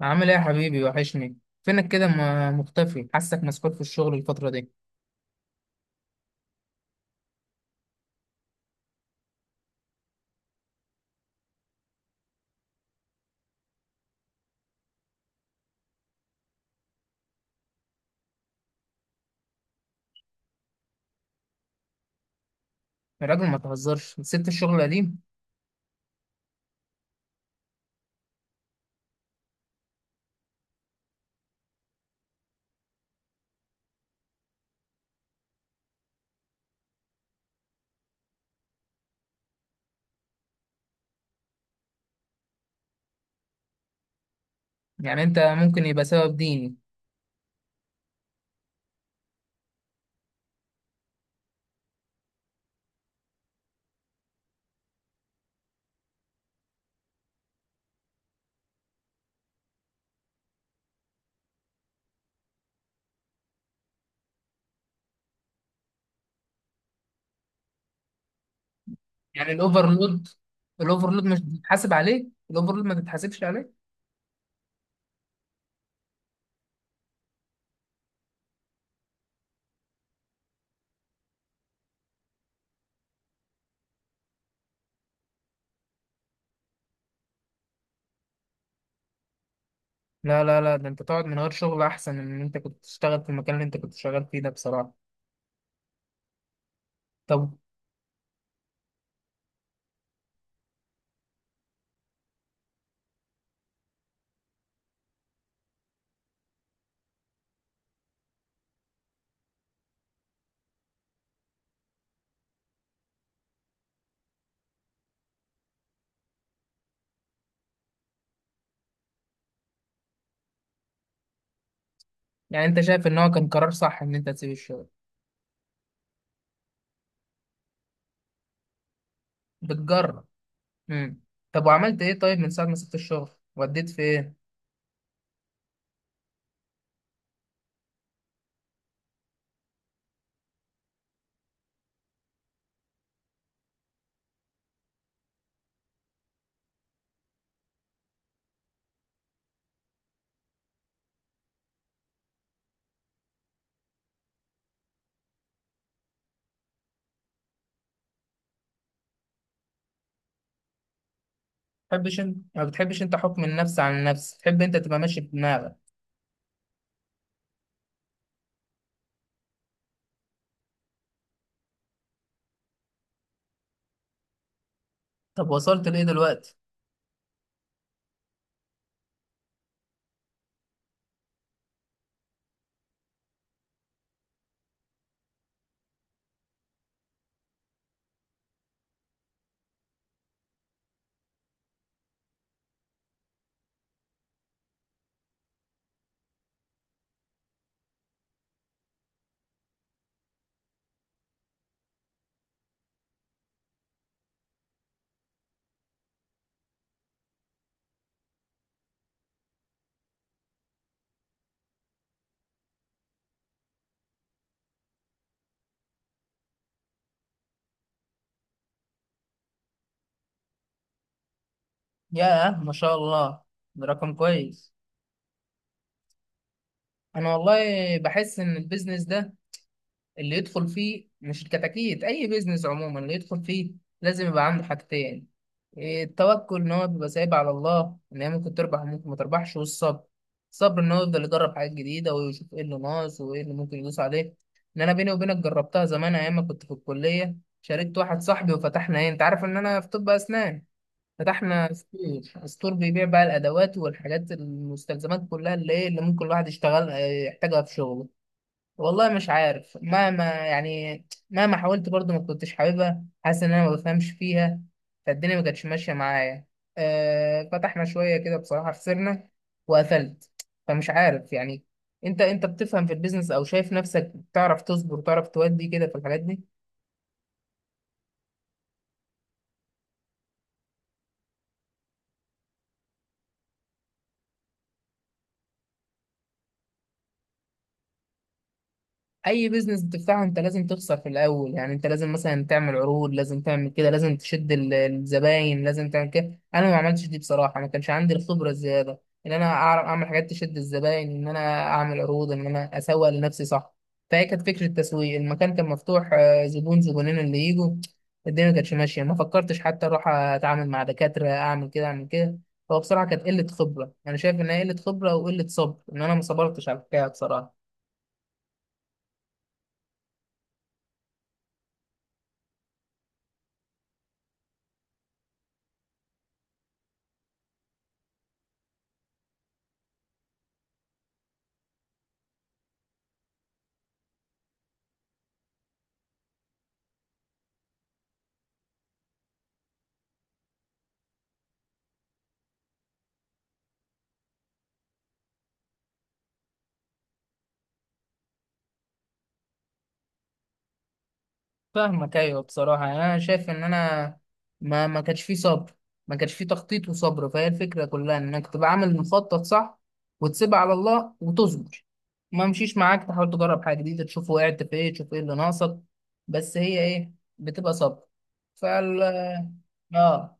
عامل ايه يا حبيبي؟ وحشني. فينك كده مختفي؟ حاسك مسحول في الشغل الفترة دي. يا راجل ما تهزرش، سبت الشغل القديم؟ يعني انت ممكن يبقى سبب ديني؟ يعني الاوفرلود، مش بتتحاسب عليه؟ الاوفرلود ما تتحاسبش عليه؟ لا لا لا، ده انت تقعد من غير شغل احسن من ان انت كنت تشتغل في المكان اللي انت كنت شغال فيه ده بصراحة. طب. يعني انت شايف ان هو كان قرار صح ان انت تسيب الشغل؟ بتجرب؟ امم طب وعملت ايه؟ طيب من ساعة ما سبت الشغل وديت فين؟ بتحبش انت؟ ما بتحبش انت حكم النفس على النفس، تحب انت تبقى ماشي بدماغك؟ طب وصلت لايه دلوقتي؟ ياه، ما شاء الله. ده رقم كويس. انا والله بحس ان البيزنس ده، اللي يدخل فيه مش الكتاكيت، اي بيزنس عموما، اللي يدخل فيه لازم يبقى عنده حاجتين. إيه، التوكل ان هو بيبقى سايب على الله ان هي ممكن تربح وممكن ما تربحش، والصبر. الصبر ان هو يفضل يجرب حاجات جديده ويشوف ايه اللي ناقص وايه اللي ممكن يدوس عليه. ان انا بيني وبينك جربتها زمان ايام ما كنت في الكليه. شاركت واحد صاحبي وفتحنا، ايه، انت عارف ان انا في طب اسنان. فتحنا ستور، ستور بيبيع بقى الادوات والحاجات المستلزمات كلها، اللي ايه اللي ممكن الواحد يشتغل يحتاجها في شغله. والله مش عارف، مهما يعني مهما حاولت برضو ما كنتش حاببها، حاسس ان انا ما بفهمش فيها. فالدنيا ما كانتش ماشيه معايا. فتحنا شويه كده بصراحه، خسرنا وقفلت. فمش عارف يعني. انت بتفهم في البيزنس او شايف نفسك بتعرف تصبر وتعرف تودي كده في الحاجات دي؟ اي بيزنس بتفتحه انت لازم تخسر في الاول، يعني انت لازم مثلا تعمل عروض، لازم تعمل كده، لازم تشد الزباين، لازم تعمل كده. انا ما عملتش دي بصراحه، ما كانش عندي الخبره الزياده ان انا اعرف اعمل حاجات تشد الزباين، ان انا اعمل عروض، ان انا اسوق لنفسي، صح. فهي كانت فكره التسويق، المكان كان مفتوح، زبون زبونين اللي يجوا. الدنيا ما كانتش ماشيه، ما فكرتش حتى اروح اتعامل مع دكاتره، اعمل كده اعمل كده. هو بصراحه كانت قله خبره، انا شايف ان هي قله خبره وقله صبر، ان انا ما صبرتش على الحكايه بصراحه. فاهمك، ايوه بصراحه يعني انا شايف ان انا ما كانش فيه صبر. ما كانش فيه تخطيط وصبر، فهي الفكره كلها انك تبقى عامل مخطط صح، وتسيبها على الله وتصبر. ما مشيش معاك، تحاول تجرب حاجه جديده، تشوف وقعت في ايه، تشوف ايه اللي ناقصك. بس هي ايه؟ بتبقى صبر. فال اه،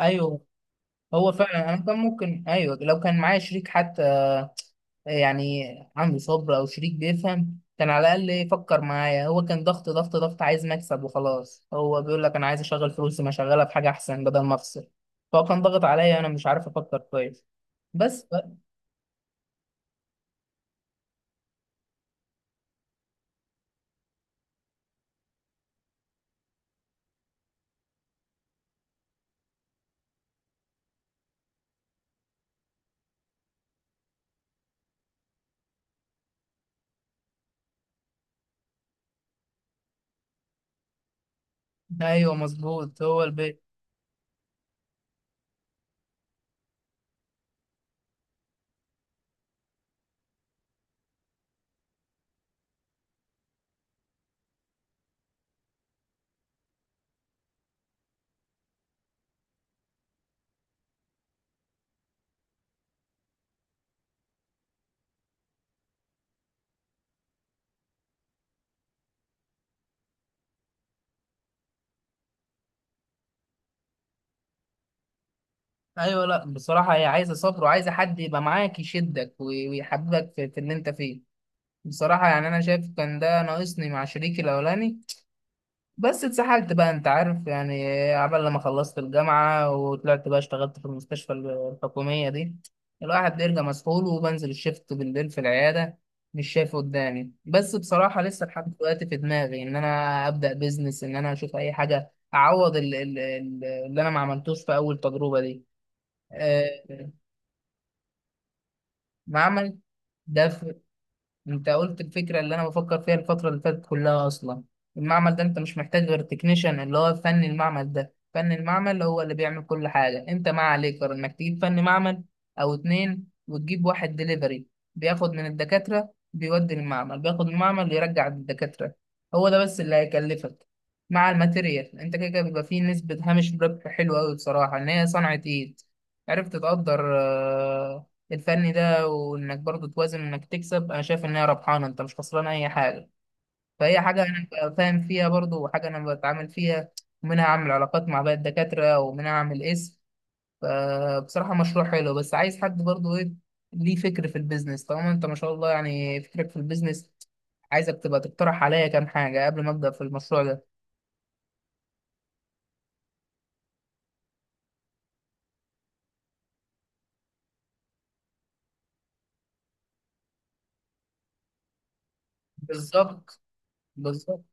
ايوه. هو فعلا انا كان ممكن، ايوه لو كان معايا شريك حتى، يعني عنده صبر، او شريك بيفهم كان على الاقل يفكر معايا. هو كان ضغط ضغط ضغط، عايز مكسب وخلاص. هو بيقول لك انا عايز اشغل فلوسي، ما اشغلها في حاجه احسن بدل ما افصل. فهو كان ضغط عليا، انا مش عارف افكر كويس. بس ايوه مظبوط. هو البيت. ايوه لا بصراحه، هي عايزه صبر وعايزه حد يبقى معاك يشدك ويحببك في اللي انت فيه. بصراحه يعني انا شايف كان ده ناقصني مع شريكي الاولاني. بس اتسحلت بقى، انت عارف يعني. عبال لما خلصت الجامعة وطلعت بقى اشتغلت في المستشفى الحكومية دي. الواحد بيرجع مسحول وبنزل الشفت بالليل في العيادة. مش شايف قدامي. بس بصراحة لسه لحد دلوقتي في دماغي ان انا ابدأ بيزنس، ان انا اشوف اي حاجة اعوض اللي انا ما عملتوش في اول تجربة دي. آه، معمل. ده انت قلت الفكره اللي انا بفكر فيها الفتره اللي فاتت كلها اصلا. المعمل ده انت مش محتاج غير تكنيشن، اللي هو فن المعمل، ده فن المعمل هو اللي بيعمل كل حاجه. انت ما عليك غير انك تجيب فن معمل او اتنين، وتجيب واحد دليفري، بياخد من الدكاتره بيودي المعمل، بياخد من المعمل يرجع للدكاتره. هو ده بس اللي هيكلفك مع الماتيريال. انت كده كده بيبقى فيه نسبه هامش ربح حلوه قوي بصراحه، ان هي صنعه ايد. عرفت تقدر الفني ده، وانك برضو توازن انك تكسب. انا شايف ان هي ربحانه، انت مش خسران اي حاجه. فهي حاجه انا ببقى فاهم فيها برضو، وحاجه انا بتعامل فيها. ومنها اعمل علاقات مع باقي الدكاتره، ومنها اعمل اسم. فبصراحه مشروع حلو، بس عايز حد برضو، ايه. ليه فكر في البيزنس طالما انت ما شاء الله يعني فكرك في البيزنس. عايزك تبقى تقترح عليا كام حاجه قبل ما ابدا في المشروع ده. بالظبط. بالظبط.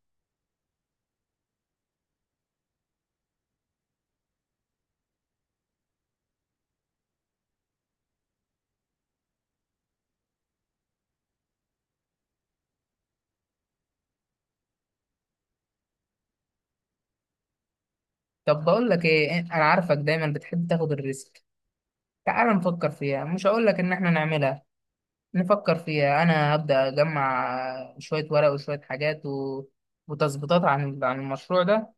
طب بقول لك ايه، انا عارفك دايما بتحب تاخد الريسك. تعال نفكر فيها، مش هقول لك ان احنا نعملها. نفكر فيها، انا هبدا اجمع شويه ورق وشويه حاجات وتظبيطات عن المشروع ده.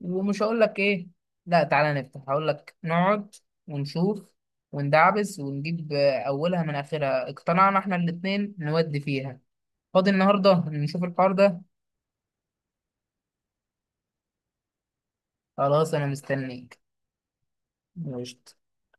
ومش هقول لك ايه لا تعالى نفتح، هقول لك نقعد ونشوف وندعبس ونجيب. اولها من اخرها اقتنعنا احنا الاتنين نودي فيها. فاضي النهارده نشوف الحوار ده؟ خلاص، انا مستنيك. قشطة.